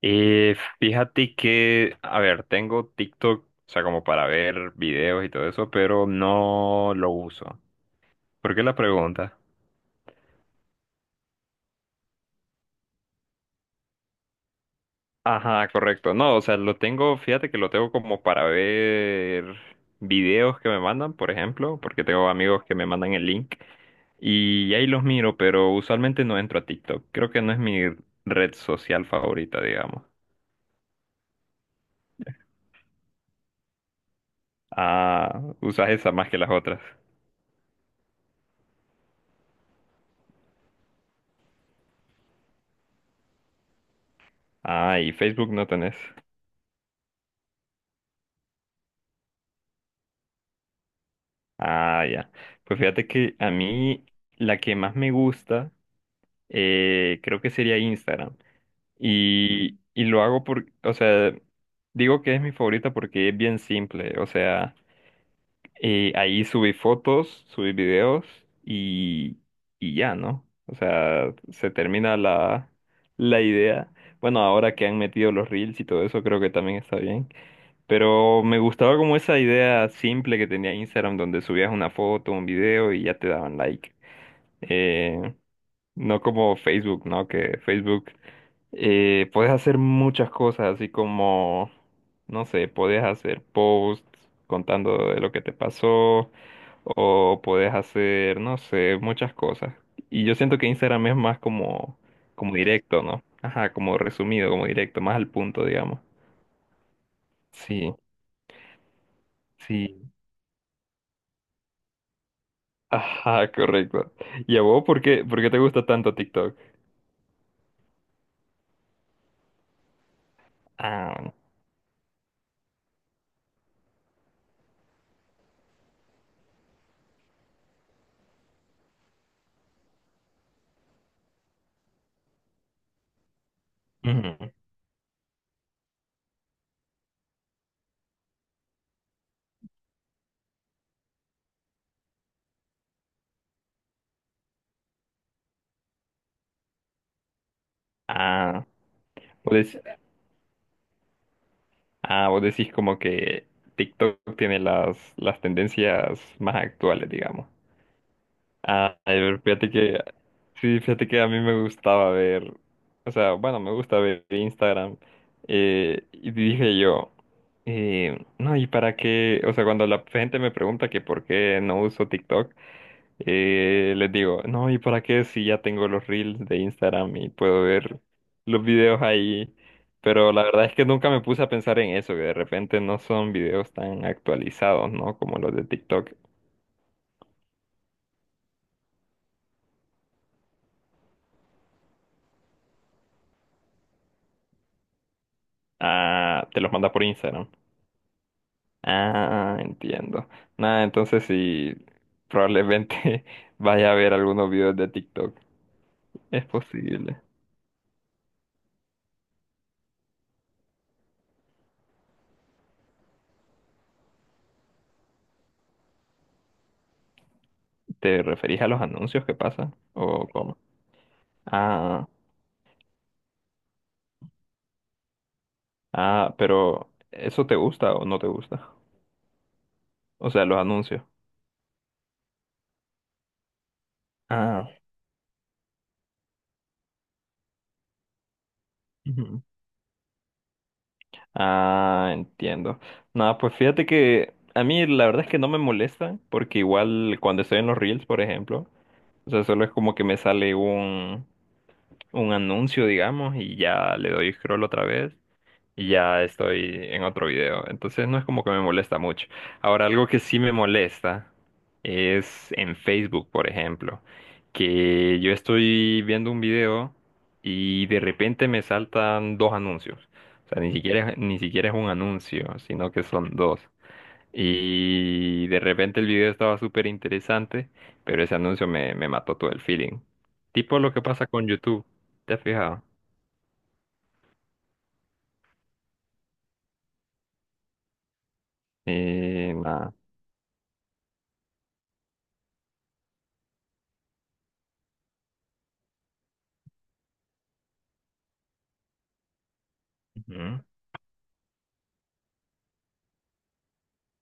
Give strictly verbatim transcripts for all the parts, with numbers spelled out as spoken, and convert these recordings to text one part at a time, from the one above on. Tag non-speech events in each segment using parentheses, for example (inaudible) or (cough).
Y fíjate que, a ver, tengo TikTok, o sea, como para ver videos y todo eso, pero no lo uso. ¿Por qué la pregunta? Ajá, correcto. No, o sea, lo tengo, fíjate que lo tengo como para ver videos que me mandan, por ejemplo, porque tengo amigos que me mandan el link y ahí los miro, pero usualmente no entro a TikTok. Creo que no es mi red social favorita, digamos. Ah, usas esa más que las otras. Ah, y Facebook no tenés. Ah, ya. Pues fíjate que a mí la que más me gusta eh, creo que sería Instagram. Y, y lo hago por, o sea, digo que es mi favorita porque es bien simple. O sea, eh, ahí subí fotos, subí videos y, y ya, ¿no? O sea, se termina la, la idea. Bueno, ahora que han metido los reels y todo eso, creo que también está bien. Pero me gustaba como esa idea simple que tenía Instagram, donde subías una foto, un video y ya te daban like. Eh, no como Facebook, ¿no? Que Facebook eh, puedes hacer muchas cosas, así como, no sé, puedes hacer posts contando de lo que te pasó, o puedes hacer, no sé, muchas cosas. Y yo siento que Instagram es más como, como directo, ¿no? Ajá, como resumido, como directo, más al punto, digamos. Sí, sí. Ajá, correcto. ¿Y a vos por qué, por qué te gusta tanto TikTok? Ah, ujú. Ah, vos dec- ah, vos decís como que TikTok tiene las, las tendencias más actuales, digamos. Ah, a ver, fíjate que, sí, fíjate que a mí me gustaba ver, o sea, bueno, me gusta ver Instagram. Eh, y dije yo, eh, no, ¿y para qué? O sea, cuando la gente me pregunta que por qué no uso TikTok, Eh, les digo, no, ¿y para qué si ya tengo los reels de Instagram y puedo ver los videos ahí? Pero la verdad es que nunca me puse a pensar en eso, que de repente no son videos tan actualizados, ¿no? Como los de TikTok. Ah, te los manda por Instagram. Ah, entiendo. Nada, entonces sí, probablemente (laughs) vaya a ver algunos videos de TikTok. Es posible. ¿Te referís a los anuncios que pasan? ¿O cómo? Ah, ah, pero ¿eso te gusta o no te gusta? O sea, los anuncios. Ah, ujú. Ah, entiendo. Nada, pues fíjate que a mí la verdad es que no me molesta, porque igual cuando estoy en los Reels, por ejemplo, o sea, solo es como que me sale un, un anuncio, digamos, y ya le doy scroll otra vez. Y ya estoy en otro video. Entonces no es como que me molesta mucho. Ahora, algo que sí me molesta es en Facebook, por ejemplo, que yo estoy viendo un video y de repente me saltan dos anuncios. O sea, ni siquiera, es- ni siquiera es un anuncio, sino que son dos. Y de repente el video estaba súper interesante, pero ese anuncio me, me mató todo el feeling. Tipo lo que pasa con YouTube, ¿te has fijado? Eh, nada. Ujú,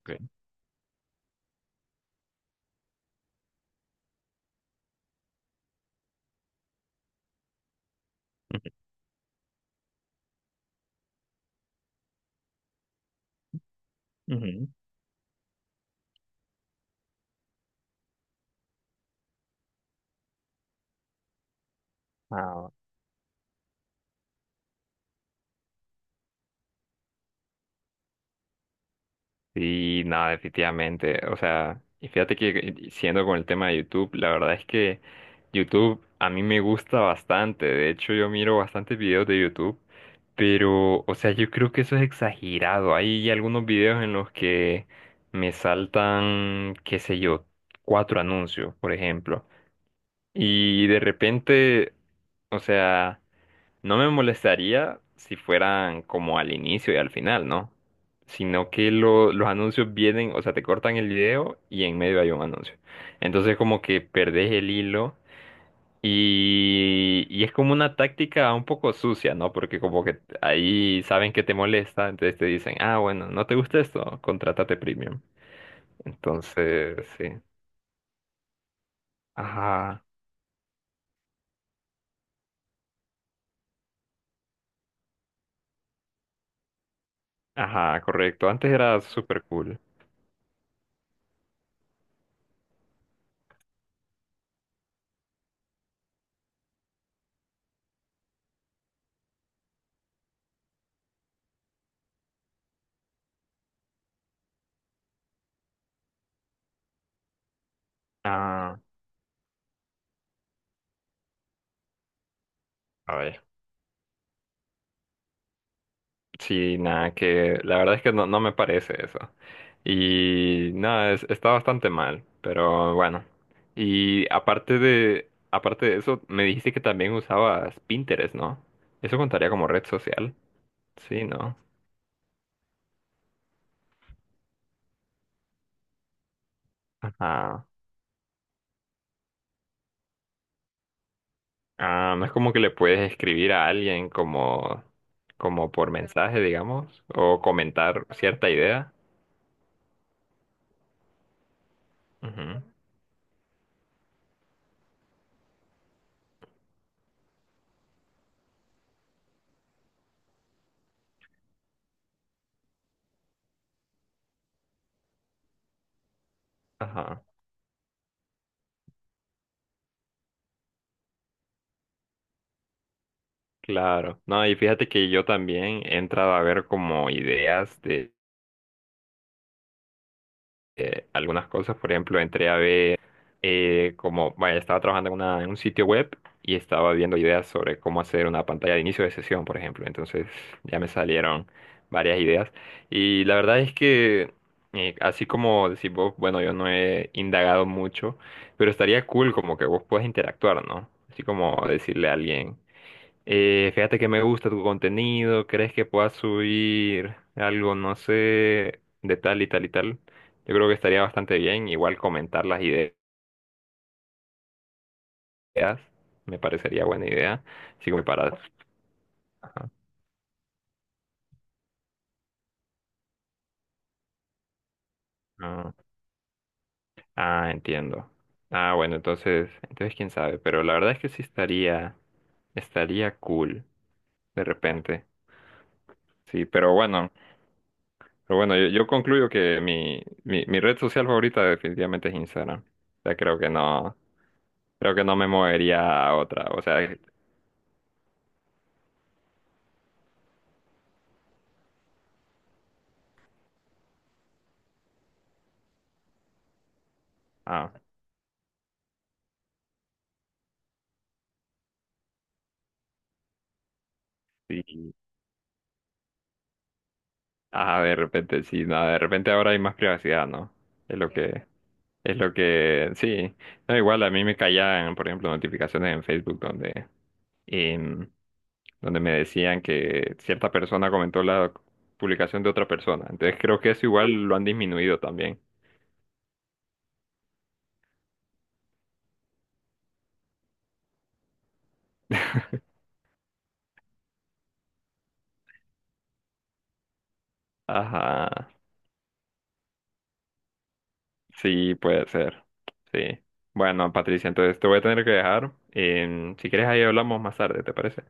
ok. Ah, sí, no, definitivamente. O sea, y fíjate que eh, siendo con el tema de YouTube, la verdad es que YouTube a mí me gusta bastante. De hecho, yo miro bastantes videos de YouTube, pero, o sea, yo creo que eso es exagerado. Hay algunos videos en los que me saltan, qué sé yo, cuatro anuncios, por ejemplo. Y de repente, o sea... No me molestaría si fueran como al inicio y al final, ¿no? Sino que lo- los anuncios vienen, o sea, te cortan el video y en medio hay un anuncio. Entonces como que perdés el hilo y, y es como una táctica un poco sucia, ¿no? Porque como que ahí saben que te molesta, entonces te dicen, ah, bueno, no te gusta esto, contrátate premium. Entonces, sí. Ajá, ajá, correcto. Antes era súper cool. Ah, a ver. Sí, nada, que la verdad es que no, no me parece eso. Y nada, es- está bastante mal, pero bueno. Y aparte de, aparte de eso, me dijiste que también usabas Pinterest, ¿no? Eso contaría como red social. Sí, ¿no? Ajá. Ah, no es como que le puedes escribir a alguien como, como por mensaje, digamos, o comentar cierta idea. Ujú. Ajá. Claro. No, y fíjate que yo también he entrado a ver como ideas de algunas cosas. Por ejemplo, entré a ver eh, como, vaya, estaba trabajando en, una- en un sitio web y estaba viendo ideas sobre cómo hacer una pantalla de inicio de sesión, por ejemplo. Entonces ya me salieron varias ideas. Y la verdad es que, eh, así como decís vos, bueno, yo no he indagado mucho, pero estaría cool como que vos puedas interactuar, ¿no? Así como decirle a alguien. Eh, fíjate que me gusta tu contenido, ¿crees que puedas subir algo, no sé, de tal y tal y tal? Yo creo que estaría bastante bien, igual comentar las ideas, me parecería buena idea, así como para... Ah, ah, ah, entiendo. Ah, bueno, entonces, entonces quién sabe, pero la verdad es que sí estaría, estaría cool, de repente. Sí, pero bueno. Pero bueno, yo, yo concluyo que mi, mi, mi red social favorita definitivamente es Instagram. O sea, creo que no, creo que no me movería a otra. O sea, es- ah, sí, ah, de repente sí, no, de repente ahora hay más privacidad, ¿no? Es lo que, es lo que, sí. No, igual a mí me caían, por ejemplo, notificaciones en Facebook donde, em, donde me decían que cierta persona comentó la publicación de otra persona. Entonces creo que eso igual lo han disminuido también. (laughs) Ajá, sí, puede ser. Sí. Bueno, Patricia, entonces te voy a tener que dejar. Em, si quieres, ahí hablamos más tarde, ¿te parece?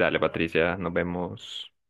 Dale, Patricia, nos vemos.